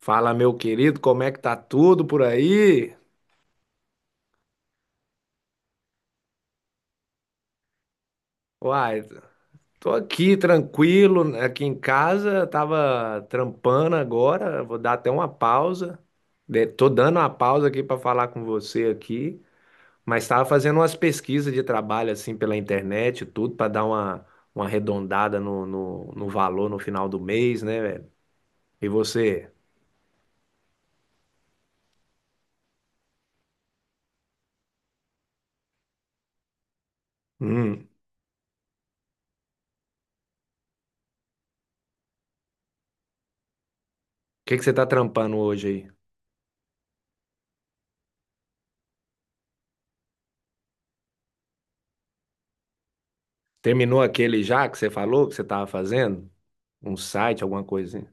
Fala, meu querido, como é que tá tudo por aí? Uai, tô aqui tranquilo, aqui em casa, tava trampando agora, vou dar até uma pausa. Tô dando uma pausa aqui para falar com você aqui, mas tava fazendo umas pesquisas de trabalho assim pela internet, e tudo para dar uma arredondada no valor no final do mês, né, velho? E você? O que que você tá trampando hoje. Terminou aquele já que você falou que você estava fazendo? Um site, alguma coisinha?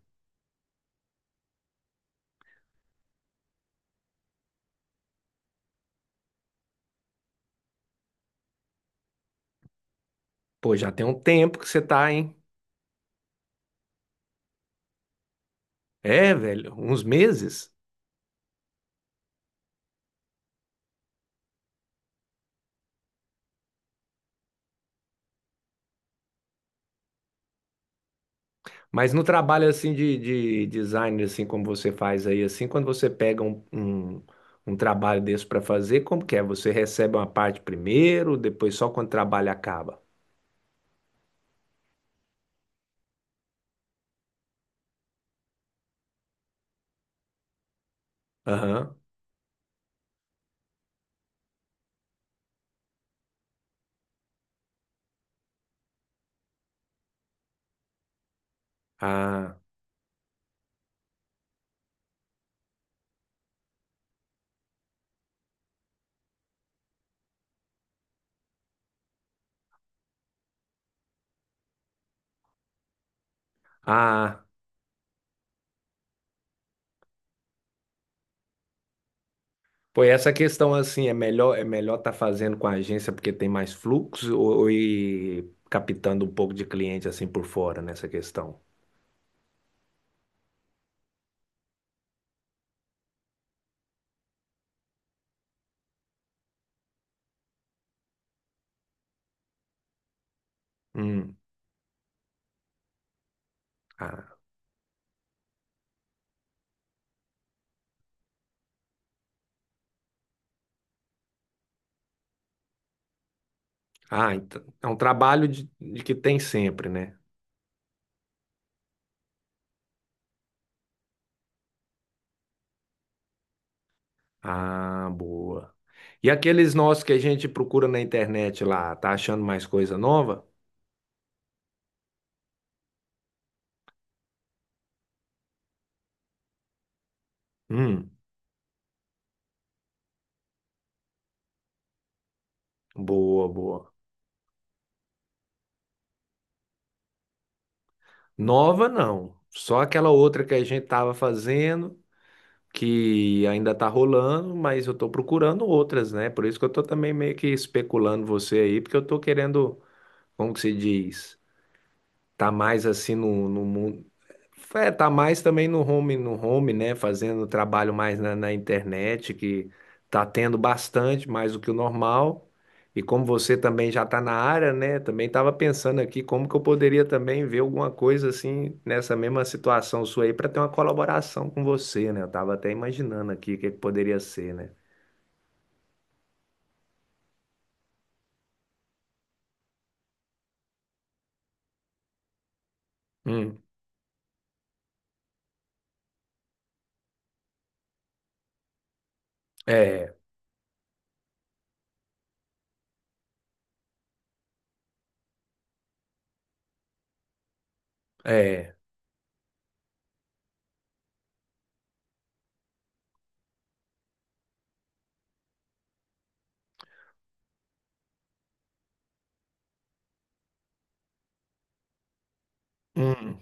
Pô, já tem um tempo que você tá, hein? É, velho, uns meses. Mas no trabalho assim de, design, assim como você faz aí, assim, quando você pega um trabalho desse para fazer, como que é? Você recebe uma parte primeiro, depois só quando o trabalho acaba? Aham. Ah, ah. Pô, e essa questão assim, é melhor tá fazendo com a agência porque tem mais fluxo ou ir captando um pouco de cliente assim por fora nessa questão? Hum. Ah, ah, então, é um trabalho de que tem sempre, né? Ah, boa. E aqueles nossos que a gente procura na internet lá, tá achando mais coisa nova? Hum. Boa, boa. Nova não, só aquela outra que a gente tava fazendo, que ainda tá rolando, mas eu tô procurando outras, né? Por isso que eu tô também meio que especulando você aí, porque eu tô querendo, como que se diz? Tá mais assim no, mundo. É, tá mais também no home, né? Fazendo trabalho mais na internet, que tá tendo bastante, mais do que o normal. E como você também já tá na área, né? Também tava pensando aqui como que eu poderia também ver alguma coisa assim nessa mesma situação sua aí para ter uma colaboração com você, né? Eu tava até imaginando aqui o que que poderia ser, né? Hum, é, é. Hum.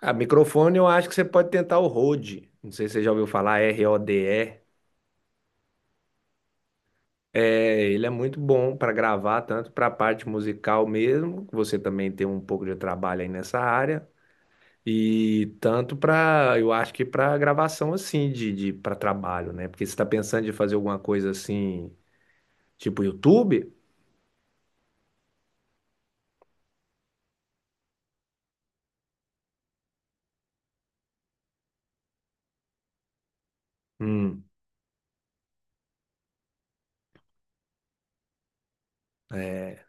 A microfone eu acho que você pode tentar o Rode. Não sei se você já ouviu falar, Rode. É, ele é muito bom para gravar, tanto para a parte musical mesmo, que você também tem um pouco de trabalho aí nessa área, e tanto para, eu acho que para gravação assim, de, para trabalho, né? Porque você está pensando em fazer alguma coisa assim, tipo YouTube? Hum, é,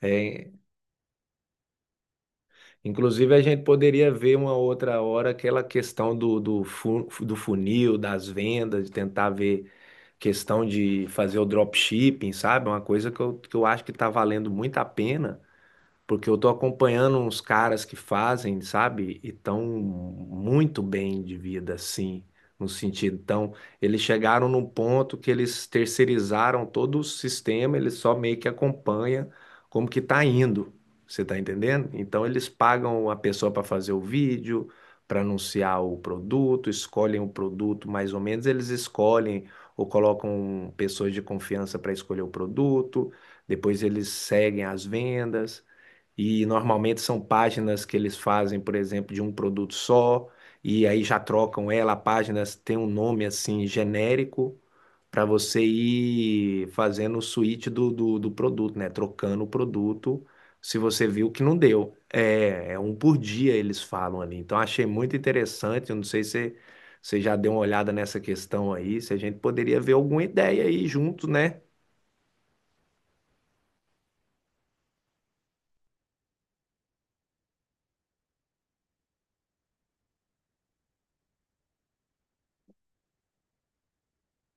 é. Inclusive a gente poderia ver uma outra hora aquela questão do funil, das vendas, de tentar ver questão de fazer o dropshipping, sabe? Uma coisa que eu acho que está valendo muito a pena porque eu tô acompanhando uns caras que fazem, sabe? E tão muito bem de vida, assim, no sentido. Então, eles chegaram num ponto que eles terceirizaram todo o sistema, eles só meio que acompanham como que tá indo. Você tá entendendo? Então, eles pagam a pessoa para fazer o vídeo, para anunciar o produto, escolhem o produto, mais ou menos eles escolhem ou colocam pessoas de confiança para escolher o produto, depois eles seguem as vendas. E normalmente são páginas que eles fazem, por exemplo, de um produto só, e aí já trocam ela. A página tem um nome assim genérico para você ir fazendo o switch do, do produto, né? Trocando o produto se você viu que não deu. É, é um por dia eles falam ali. Então achei muito interessante. Eu não sei se você já deu uma olhada nessa questão aí, se a gente poderia ver alguma ideia aí junto, né?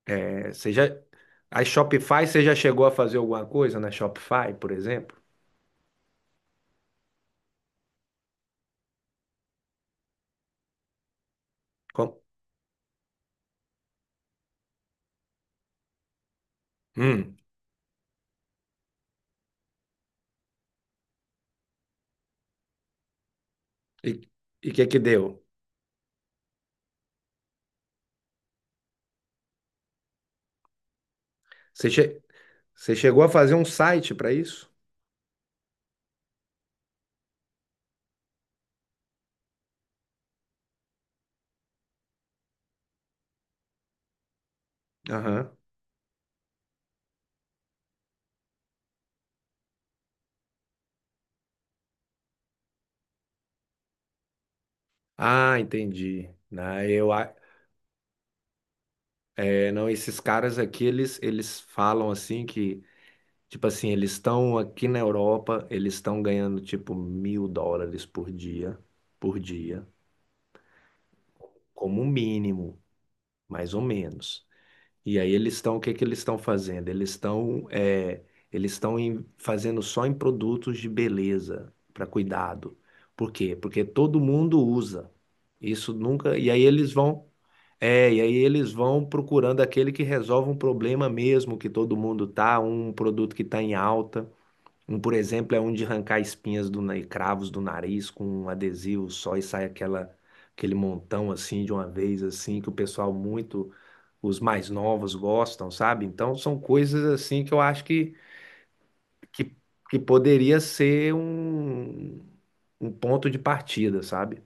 É, você já, a Shopify, você já chegou a fazer alguma coisa na Shopify, por exemplo? Com- Hum, e o que que deu? Você, che- você chegou a fazer um site para isso? Aham. Ah, entendi. É, não, esses caras aqui, eles falam assim que, tipo assim, eles estão aqui na Europa, eles estão ganhando tipo mil dólares por dia, como mínimo, mais ou menos. E aí eles estão, o que que eles estão fazendo? Eles estão é, eles estão em- fazendo só em produtos de beleza para cuidado. Por quê? Porque todo mundo usa. Isso nunca. E aí eles vão procurando aquele que resolve um problema mesmo que todo mundo tá, um produto que está em alta. Um, por exemplo, é um de arrancar espinhas e cravos do nariz com um adesivo só e sai aquele montão assim de uma vez assim que o pessoal muito os mais novos gostam, sabe? Então são coisas assim que eu acho que, que poderia ser um, ponto de partida, sabe?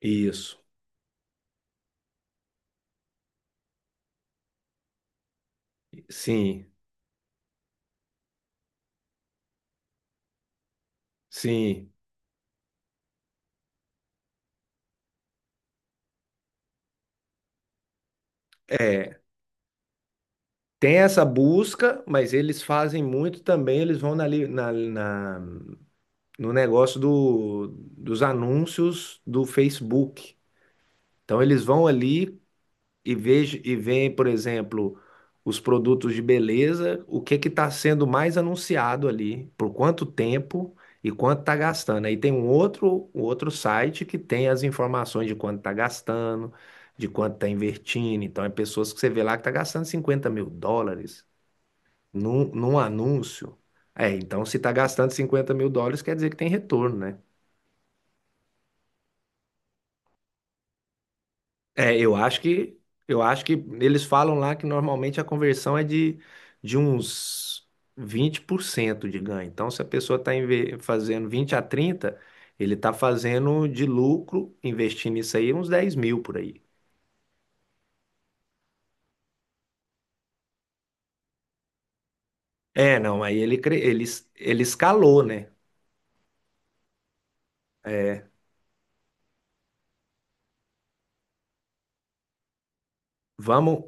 Isso. Sim, sim. É. Tem essa busca, mas eles fazem muito também, eles vão na, li- na, na- no negócio dos anúncios do Facebook. Então eles vão ali, e vejo e vem, por exemplo, os produtos de beleza, o que que está sendo mais anunciado ali, por quanto tempo e quanto está gastando. Aí tem um outro, site que tem as informações de quanto está gastando, de quanto está invertindo. Então, é pessoas que você vê lá que está gastando 50.000 dólares num anúncio. É, então se está gastando 50.000 dólares, quer dizer que tem retorno, né? É, eu acho que eles falam lá que normalmente a conversão é de uns 20% de ganho. Então, se a pessoa está fazendo 20 a 30, ele está fazendo de lucro, investindo isso aí, uns 10.000 por aí. É, não, aí ele, cre- ele, es- ele escalou, né? Vamos,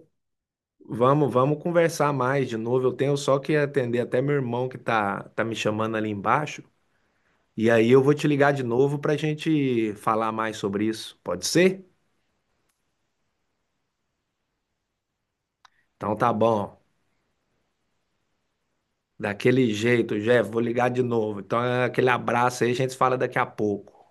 vamos, vamos conversar mais de novo. Eu tenho só que atender até meu irmão que tá me chamando ali embaixo. E aí eu vou te ligar de novo para a gente falar mais sobre isso. Pode ser? Então tá bom. Daquele jeito, Jeff, vou ligar de novo. Então é aquele abraço aí, a gente se fala daqui a pouco.